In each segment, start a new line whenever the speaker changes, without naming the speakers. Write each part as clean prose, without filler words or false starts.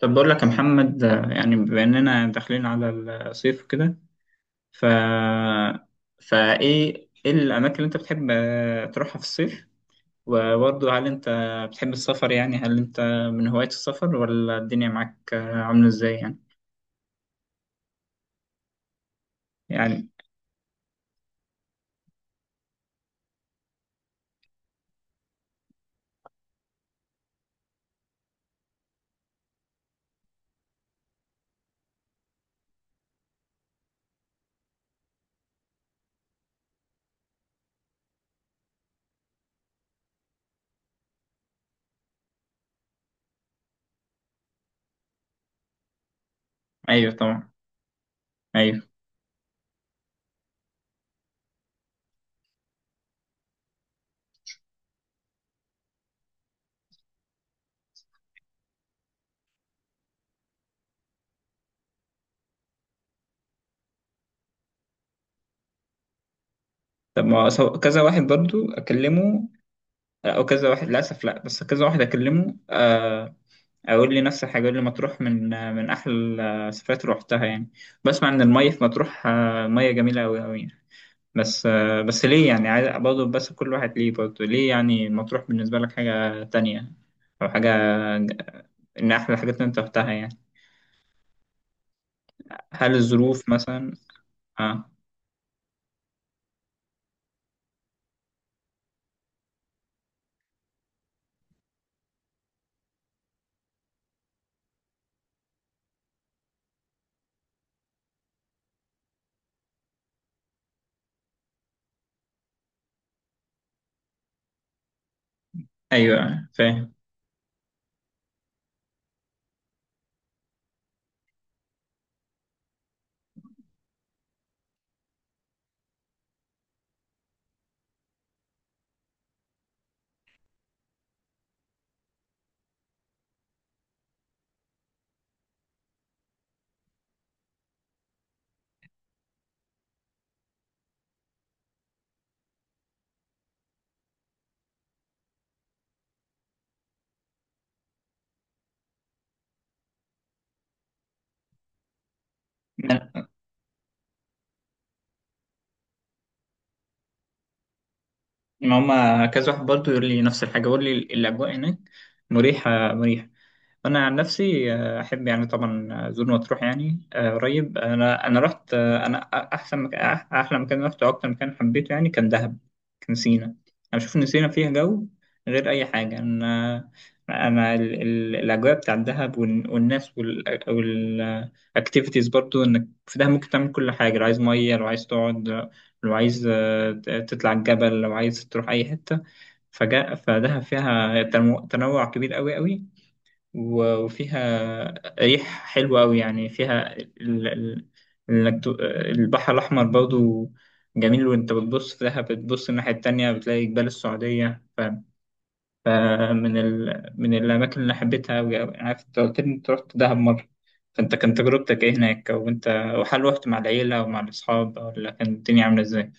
طب بقول لك يا محمد، يعني بما اننا داخلين على الصيف وكده. ف فايه ايه الاماكن اللي انت بتحب تروحها في الصيف؟ وبرضه هل انت بتحب السفر؟ يعني هل انت من هواية السفر، ولا الدنيا معاك عاملة ازاي يعني؟ يعني ايوه طبعا. ايوه. طب ما هو كذا واحد برضه اكلمه، او كذا واحد، للاسف لا، بس كذا واحد اكلمه اقول لي نفس الحاجه، اقول لي مطروح من احلى السفرات اللي روحتها يعني. بسمع ان الميه في مطروح ميه جميله قوي قوي. بس ليه يعني؟ عايز برضه بس كل واحد ليه؟ برضه ليه يعني مطروح بالنسبه لك حاجه تانية، او حاجه، ج- ان احلى حاجات اللي انت روحتها يعني؟ هل الظروف مثلا؟ اه، ايوه فاهم. ما ما هما كذا واحد برضه يقول لي نفس الحاجه، يقول لي الاجواء هناك مريحه مريحه. انا عن نفسي احب يعني طبعا زور مطروح يعني قريب. انا رحت انا احسن مكان، احلى مكان رحته واكتر مكان حبيته يعني كان دهب، كان سينا. انا بشوف ان سينا فيها جو غير اي حاجه. انا انا الاجواء بتاع الدهب والناس والاكتيفيتيز، برضو انك في دهب ممكن تعمل كل حاجه. لو عايز ميه، لو عايز تقعد، لو عايز تطلع الجبل، لو عايز تروح اي حته. فجاء فدهب فيها تنوع كبير قوي قوي. وفيها ريح حلوة أوي يعني. فيها ال... ال... إنك ت- البحر الأحمر برضو جميل. وأنت بتبص في دهب، بتبص الناحية التانية بتلاقي جبال السعودية. فمن من الأماكن اللي حبيتها أوي أوي. عارف أنت قلت لي أنت رحت دهب مرة، فأنت كان تجربتك إيه هناك؟ وأنت، وهل رحت مع العيلة ومع الأصحاب، ولا كانت الدنيا عاملة إزاي؟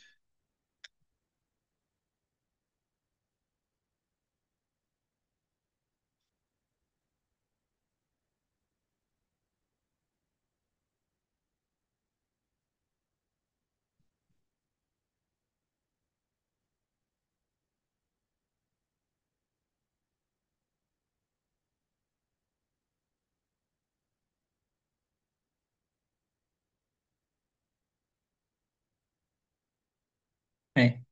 إيه؟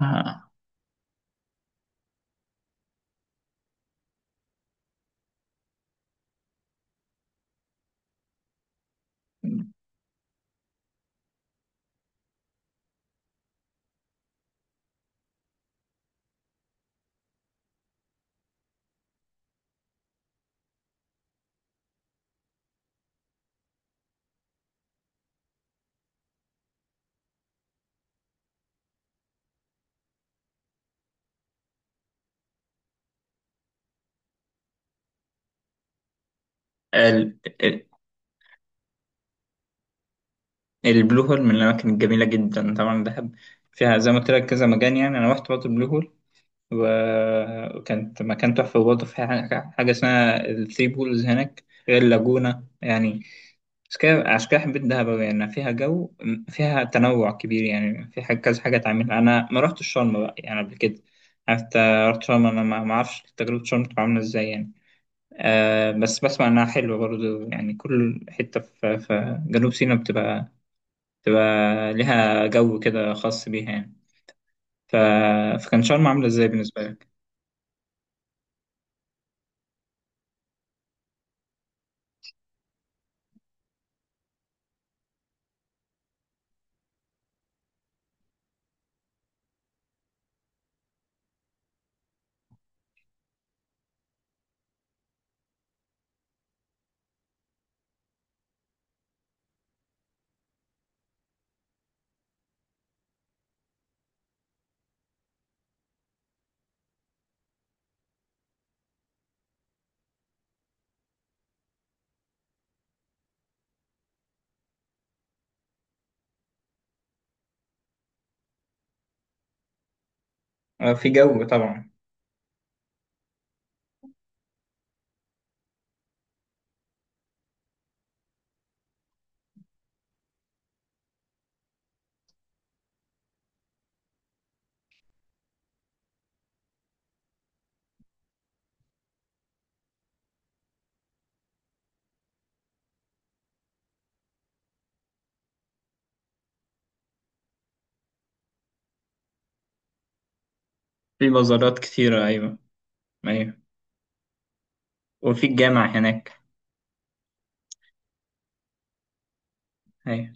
آه. ال... البلو هول من الأماكن الجميلة جدا. طبعا دهب فيها زي ما قلت لك كذا مكان يعني. أنا رحت برضه البلو هول، وكانت مكان تحفة. وبرضه فيها حاجة، حاجة اسمها الثري بولز هناك، غير اللاجونة يعني. عشان كده، عشان كده حبيت دهب أوي. يعني فيها جو، فيها تنوع كبير، يعني في حاجة كذا حاجة تعملها. أنا ما رحتش شرم بقى يعني قبل كده. عارف أنت؟ رحت شرم، أنا ما أعرفش تجربة شرم تبقى عاملة إزاي يعني. آه، بس بسمع إنها حلوة برضه يعني. كل حتة في جنوب سيناء بتبقى، تبقى ليها جو كده خاص بيها يعني. ف... فكان شرم عاملة ازاي بالنسبة لك؟ آه، في جو طبعا. في بازارات كتيرة، أيوة. أيوة. وفي الجامع هناك. أيوة.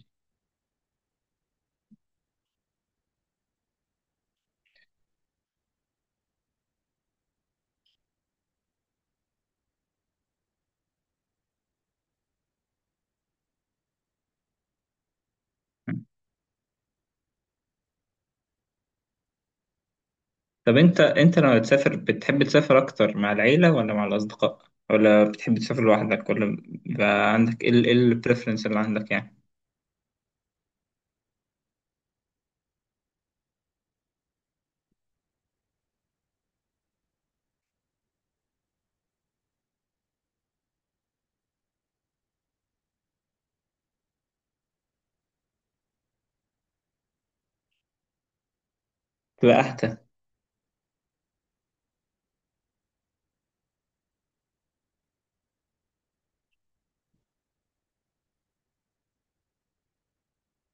طب أنت لما تسافر بتحب تسافر أكتر مع العيلة ولا مع الأصدقاء؟ ولا بتحب تسافر لوحدك؟ ولا بيبقى عندك إيه إيه البريفرنس اللي عندك يعني؟ بتبقى أهدى.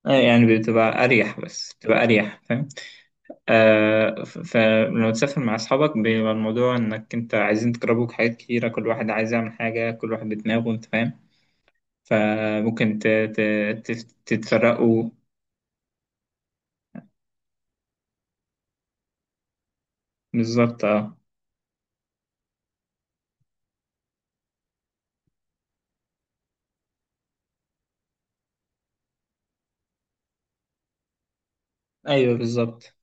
آه، يعني بتبقى أريح، بس بتبقى أريح فاهم؟ آه، فلما تسافر مع أصحابك بيبقى الموضوع إنك أنت عايزين تجربوا حاجات كتيرة، كل واحد عايز يعمل حاجة، كل واحد بدماغه أنت فاهم. فممكن تتفرقوا. بالظبط أه. أيوه بالظبط.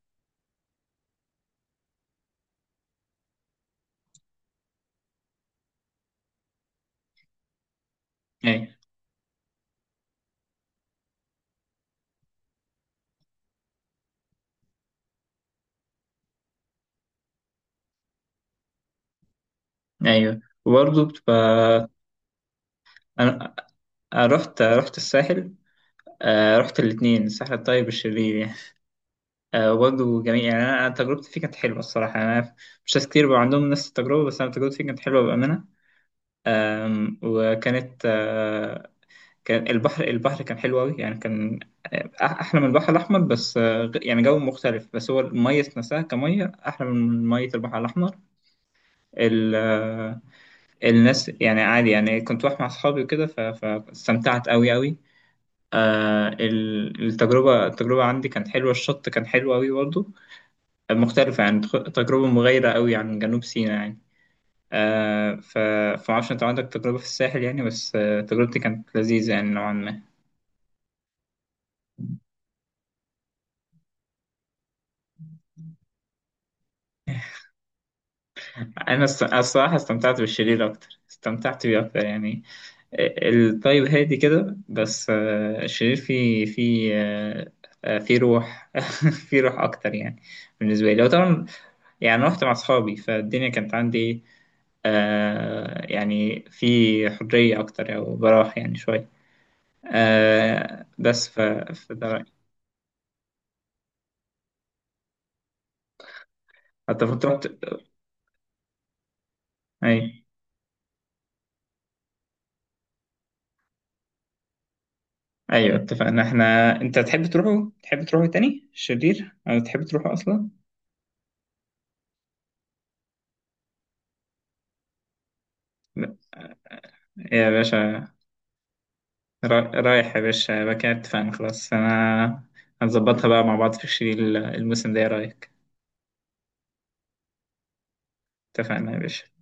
أيوه. أيوه وبرضه بتبقى. أنا، أنا رحت الساحل. آه، رحت الاتنين، الساحل الطيب والشرير يعني. آه، وبرضه جميل يعني. أنا تجربتي فيه كانت حلوة الصراحة. أنا مش ناس كتير بقى عندهم نفس التجربة، بس أنا تجربتي فيه كانت حلوة بأمانة. آم، وكانت آه، كان البحر كان حلو أوي يعني، كان آه، أحلى من البحر الأحمر، بس آه، يعني جو مختلف، بس هو المية نفسها كمية أحلى من مية البحر الأحمر. ال- آه، الناس يعني عادي يعني. كنت رايح مع أصحابي وكده فاستمتعت أوي أوي. آه، التجربة عندي كانت حلوة. الشط كان حلو أوي برضه. مختلفة يعني، تجربة مغايرة أوي عن جنوب سيناء يعني. آه، فمعرفش أنت عندك تجربة في الساحل يعني، بس آه، تجربتي كانت لذيذة يعني نوعا ما. انا الصراحه استمتعت بالشرير اكتر، استمتعت بيه اكتر يعني. الطيب هادي كده، بس آه، الشرير فيه فيه آه، آه، فيه روح. فيه روح اكتر يعني بالنسبه لي. وطبعا يعني رحت مع اصحابي، فالدنيا كانت عندي إيه، آه، يعني في حريه اكتر او براح يعني شويه. آه، بس فده رأيي. حتى كنت رحت. اي ايوه اتفقنا احنا، انت تحب تروحوا تاني الشرير، او تحب تروحوا اصلا؟ لا، يا باشا، رايح يا باشا. يبقى كده اتفقنا خلاص، انا هنظبطها بقى مع بعض في الشيل الموسم ده، ايه رايك؟ اتفقنا يا باشا.